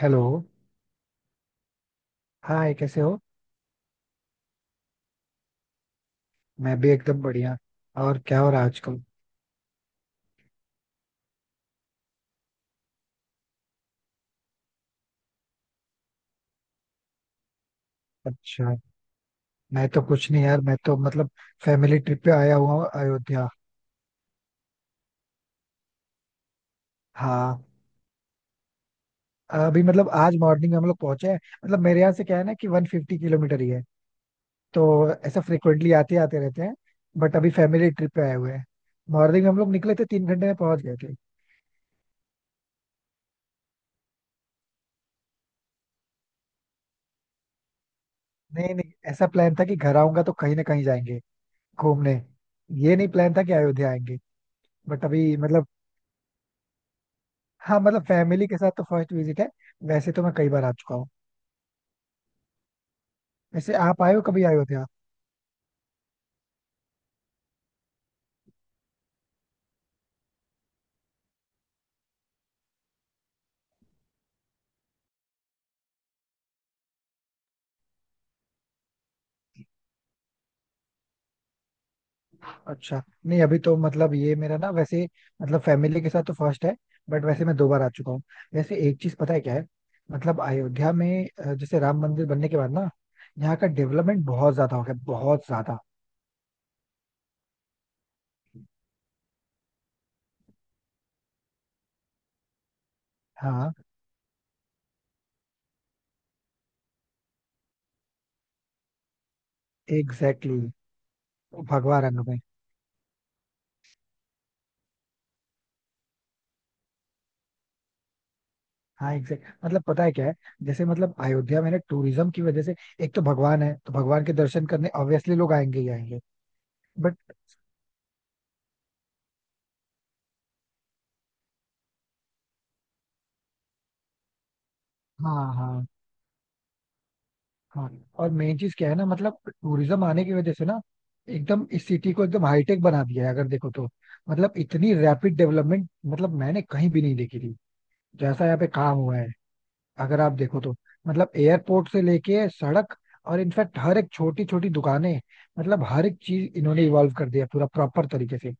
Hello. Hi, कैसे हो? मैं भी एकदम बढ़िया। और क्या हो रहा है आजकल? अच्छा। मैं तो कुछ नहीं यार, मैं तो मतलब फैमिली ट्रिप पे आया हुआ हूँ अयोध्या। हाँ, अभी मतलब आज मॉर्निंग में हम लोग पहुंचे हैं। मतलब मेरे यहाँ से क्या है ना कि 150 किलोमीटर ही है। तो ऐसा फ्रिक्वेंटली आते आते रहते हैं। बट अभी फैमिली ट्रिप पे आए हुए हैं। मॉर्निंग में हम लोग निकले थे, 3 घंटे में पहुंच गए थे। नहीं नहीं, ऐसा प्लान था कि घर आऊंगा तो कहीं ना कहीं जाएंगे घूमने। ये नहीं प्लान था कि अयोध्या आएंगे। बट अभी मतलब। हाँ मतलब फैमिली के साथ तो फर्स्ट विजिट है। वैसे तो मैं कई बार आ चुका हूँ। वैसे आप आए हो कभी? आए होते आप। अच्छा नहीं, अभी तो मतलब ये मेरा ना वैसे, मतलब फैमिली के साथ तो फर्स्ट है। बट वैसे मैं दो बार आ चुका हूँ। वैसे एक चीज पता है क्या है। मतलब अयोध्या में जैसे राम मंदिर बनने के बाद ना, यहाँ का डेवलपमेंट बहुत ज्यादा हो गया, बहुत ज्यादा। हाँ एग्जैक्टली exactly, भगवा रंग में। हाँ एग्जैक्ट, मतलब पता है क्या है? जैसे मतलब अयोध्या में ना टूरिज्म की वजह से, एक तो भगवान है तो भगवान के दर्शन करने ऑब्वियसली लोग आएंगे ही आएंगे। बट हाँ, हाँ, हाँ। और मेन चीज क्या है ना मतलब टूरिज्म आने की वजह से ना, एकदम इस सिटी को एकदम हाईटेक बना दिया है अगर देखो तो। मतलब इतनी रैपिड डेवलपमेंट मतलब मैंने कहीं भी नहीं देखी थी जैसा यहाँ पे काम हुआ है। अगर आप देखो तो मतलब एयरपोर्ट से लेके सड़क, और इनफैक्ट हर एक छोटी छोटी दुकानें, मतलब हर एक चीज इन्होंने इवॉल्व कर दिया पूरा प्रॉपर तरीके से।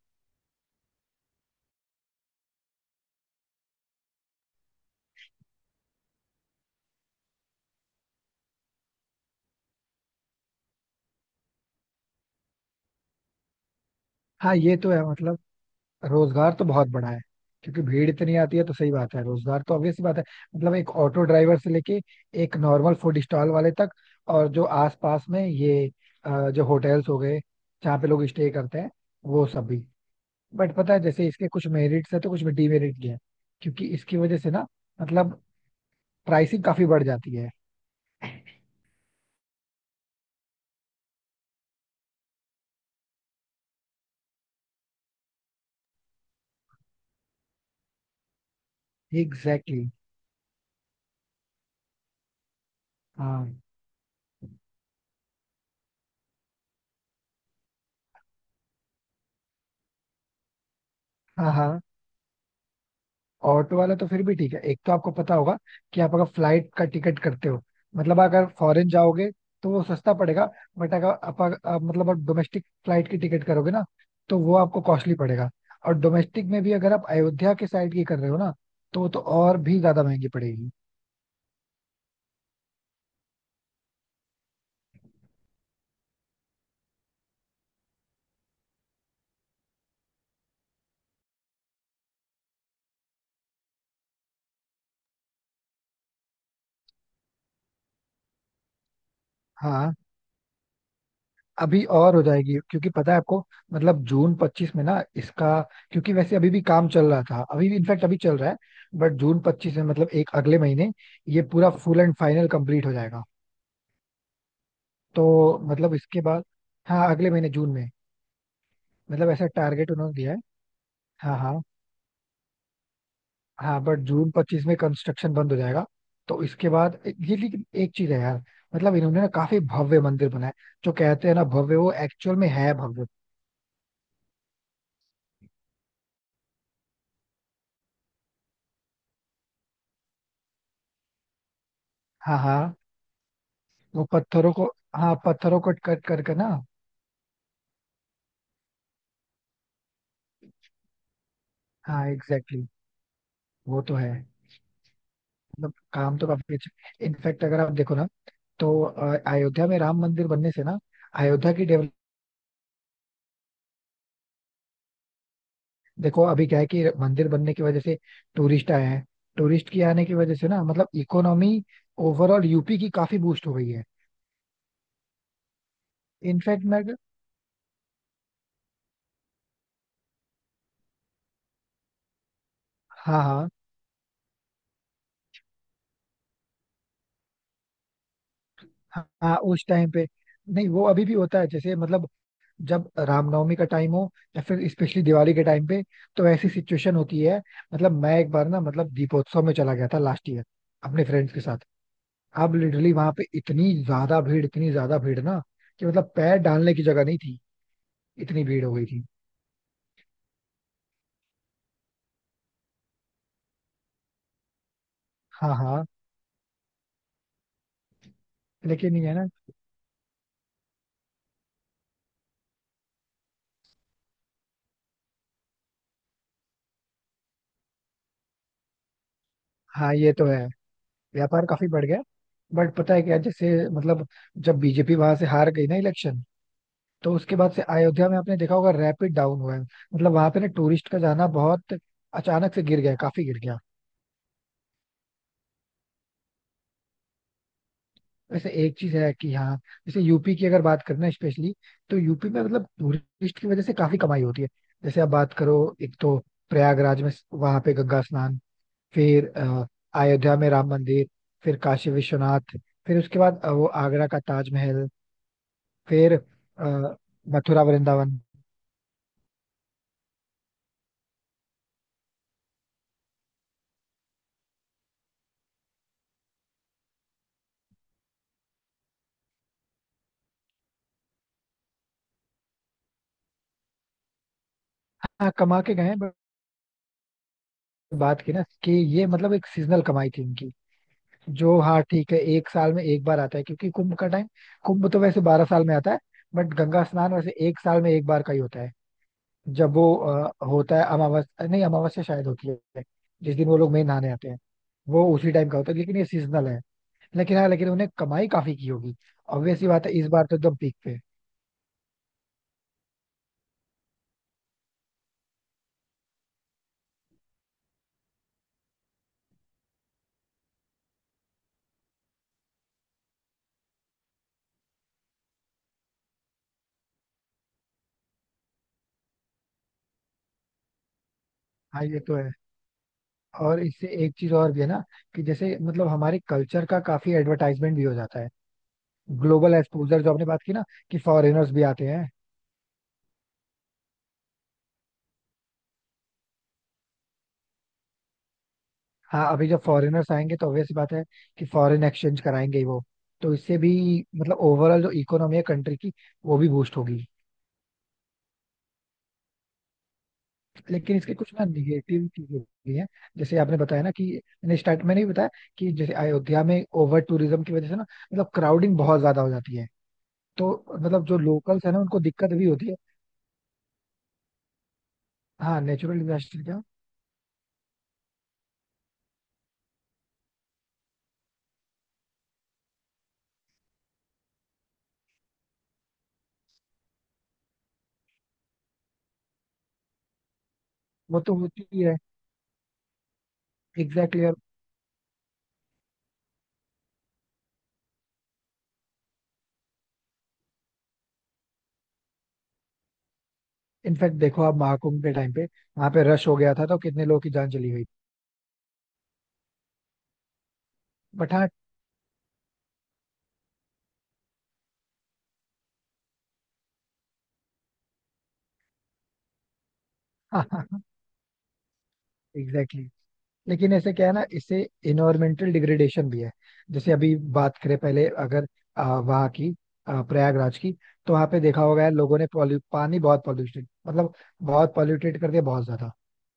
हाँ ये तो है, मतलब रोजगार तो बहुत बड़ा है। क्योंकि भीड़ इतनी आती है तो सही बात है, रोजगार तो ऑब्वियस सी बात है। मतलब एक ऑटो ड्राइवर से लेके एक नॉर्मल फूड स्टॉल वाले तक, और जो आसपास में ये जो होटल्स हो गए, जहाँ पे लोग स्टे करते हैं, वो सब भी। बट पता है, जैसे इसके कुछ मेरिट्स है तो कुछ डीमेरिट भी है। क्योंकि इसकी वजह से ना मतलब प्राइसिंग काफी बढ़ जाती है। Exactly exactly। हाँ, हाँ, हाँ। ऑटो वाला तो फिर भी ठीक है। एक तो आपको पता होगा कि आप अगर फ्लाइट का टिकट करते हो, मतलब अगर फॉरेन जाओगे तो वो सस्ता पड़ेगा। बट अगर आप मतलब आप डोमेस्टिक फ्लाइट की टिकट करोगे ना, तो वो आपको कॉस्टली पड़ेगा। और डोमेस्टिक में भी अगर आप अयोध्या के साइड की कर रहे हो ना, तो वो तो और भी ज्यादा महंगी पड़ेगी। हाँ अभी और हो जाएगी, क्योंकि पता है आपको, मतलब जून 25 में ना इसका, क्योंकि वैसे अभी भी काम चल रहा था, अभी भी इनफैक्ट अभी चल रहा है। बट जून 25 में मतलब एक अगले महीने ये पूरा फुल एंड फाइनल कंप्लीट हो जाएगा। तो मतलब इसके बाद, हाँ अगले महीने जून में, मतलब ऐसा टारगेट उन्होंने दिया है। हाँ, हाँ, हाँ। बट जून 25 में कंस्ट्रक्शन बंद हो जाएगा। तो इसके बाद ये, लेकिन एक चीज है यार, मतलब इन्होंने ना काफी भव्य मंदिर बनाया। जो कहते हैं ना भव्य, वो एक्चुअल में है भव्य। हाँ हाँ, वो पत्थरों को, हाँ पत्थरों को कट कर कर ना। हाँ एग्जैक्टली exactly, वो तो है। मतलब काम तो काफी अच्छा, इनफैक्ट अगर आप देखो ना, तो अयोध्या में राम मंदिर बनने से ना, अयोध्या की, देखो अभी क्या है कि मंदिर बनने की वजह से टूरिस्ट आए हैं। टूरिस्ट के आने की वजह से ना मतलब इकोनॉमी, ओवरऑल यूपी की काफी बूस्ट हो गई है। इनफैक्ट मैं, हाँ, हाँ, हाँ, हाँ, उस टाइम पे। नहीं वो अभी भी होता है, जैसे मतलब जब रामनवमी का टाइम हो, या फिर स्पेशली दिवाली के टाइम पे, तो ऐसी सिचुएशन होती है। मतलब मैं एक बार ना, मतलब दीपोत्सव में चला गया था लास्ट ईयर अपने फ्रेंड्स के साथ। अब लिटरली वहां पे इतनी ज्यादा भीड़, इतनी ज्यादा भीड़ ना कि मतलब पैर डालने की जगह नहीं थी, इतनी भीड़ हो गई थी। हाँ हाँ, लेकिन ये है ना। हाँ ये तो है, व्यापार काफी बढ़ गया। बट पता है क्या, जैसे मतलब जब बीजेपी वहां से हार गई ना इलेक्शन, तो उसके बाद से अयोध्या में आपने देखा होगा रैपिड डाउन हुआ है, मतलब वहां पे ना टूरिस्ट का जाना बहुत अचानक से गिर गया, काफी गिर गया। वैसे एक चीज है कि हाँ, जैसे यूपी की अगर बात करना स्पेशली, तो यूपी में मतलब टूरिस्ट की वजह से काफी कमाई होती है। जैसे आप बात करो, एक तो प्रयागराज में वहां पे गंगा स्नान, फिर अयोध्या में राम मंदिर, फिर काशी विश्वनाथ, फिर उसके बाद वो आगरा का ताजमहल, फिर अ, मथुरा वृंदावन। हाँ कमा के गए हैं, बट बात की ना कि ये मतलब एक सीजनल कमाई थी इनकी। जो हाँ ठीक है, एक साल में एक बार आता है, क्योंकि कुंभ का टाइम, कुंभ तो वैसे 12 साल में आता है। बट गंगा स्नान वैसे एक साल में एक बार का ही होता है। जब वो होता है अमावस्या, नहीं अमावस्या शायद होती है, जिस दिन वो लोग मेन नहाने आते हैं, वो उसी टाइम का होता है। लेकिन ये सीजनल है। लेकिन हाँ, लेकिन उन्हें कमाई काफी की होगी। ऑब्वियस सी बात है, इस बार तो एकदम पीक पे। हाँ ये तो है। और इससे एक चीज और भी है ना, कि जैसे मतलब हमारे कल्चर का काफी एडवर्टाइजमेंट भी हो जाता है। ग्लोबल एक्सपोजर, जो आपने बात की ना कि फॉरेनर्स भी आते हैं। हाँ अभी जब फॉरेनर्स आएंगे तो ऑब्वियस बात है कि फॉरेन एक्सचेंज कराएंगे ही वो। तो इससे भी मतलब ओवरऑल जो इकोनॉमी है कंट्री की, वो भी बूस्ट होगी। लेकिन इसके कुछ ना निगेटिव चीजें भी हैं। जैसे आपने बताया ना कि, मैंने भी बताया कि जैसे अयोध्या में ओवर टूरिज्म की वजह से ना मतलब क्राउडिंग बहुत ज्यादा हो जाती है। तो मतलब जो लोकल्स है ना, उनको दिक्कत भी होती है। हाँ नेचुरल डिजास्टर क्या, वो तो होती ही है। एग्जैक्टली, और इनफैक्ट देखो आप महाकुंभ के टाइम पे वहां पे रश हो गया था तो कितने लोगों की जान चली गई। बट हाँ हाँ हाँ, एग्जैक्टली। लेकिन ऐसे क्या है ना, इससे इन्वायरमेंटल डिग्रेडेशन भी है। जैसे अभी बात करें पहले अगर वहाँ की, प्रयागराज की, तो वहाँ पे देखा होगा यार लोगों ने, पॉल्यू पानी बहुत पॉल्यूटेड, मतलब बहुत पॉल्यूटेड कर दिया, बहुत ज्यादा।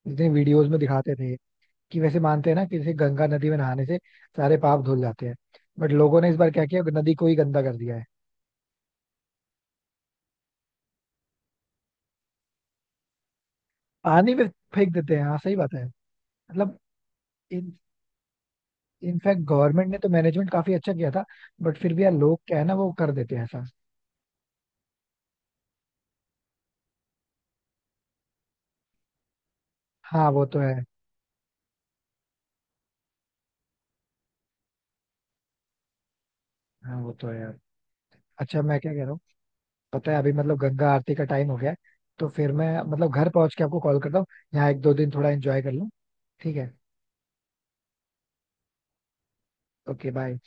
जितने वीडियोस में दिखाते थे कि, वैसे मानते हैं ना कि जैसे गंगा नदी में नहाने से सारे पाप धुल जाते हैं, बट लोगों ने इस बार क्या किया नदी को ही गंदा कर दिया है। पानी में फेंक देते हैं, हाँ सही बात है। मतलब इन इनफैक्ट गवर्नमेंट ने तो मैनेजमेंट काफी अच्छा किया था, बट फिर भी यार लोग क्या है ना वो कर देते हैं ऐसा। हाँ वो तो है। हाँ वो तो है यार। अच्छा मैं क्या कह रहा हूँ, पता है अभी मतलब गंगा आरती का टाइम हो गया है। तो फिर मैं मतलब घर पहुंच के आपको कॉल करता हूँ। यहाँ एक दो दिन थोड़ा एंजॉय कर लूँ। ठीक है। Okay bye.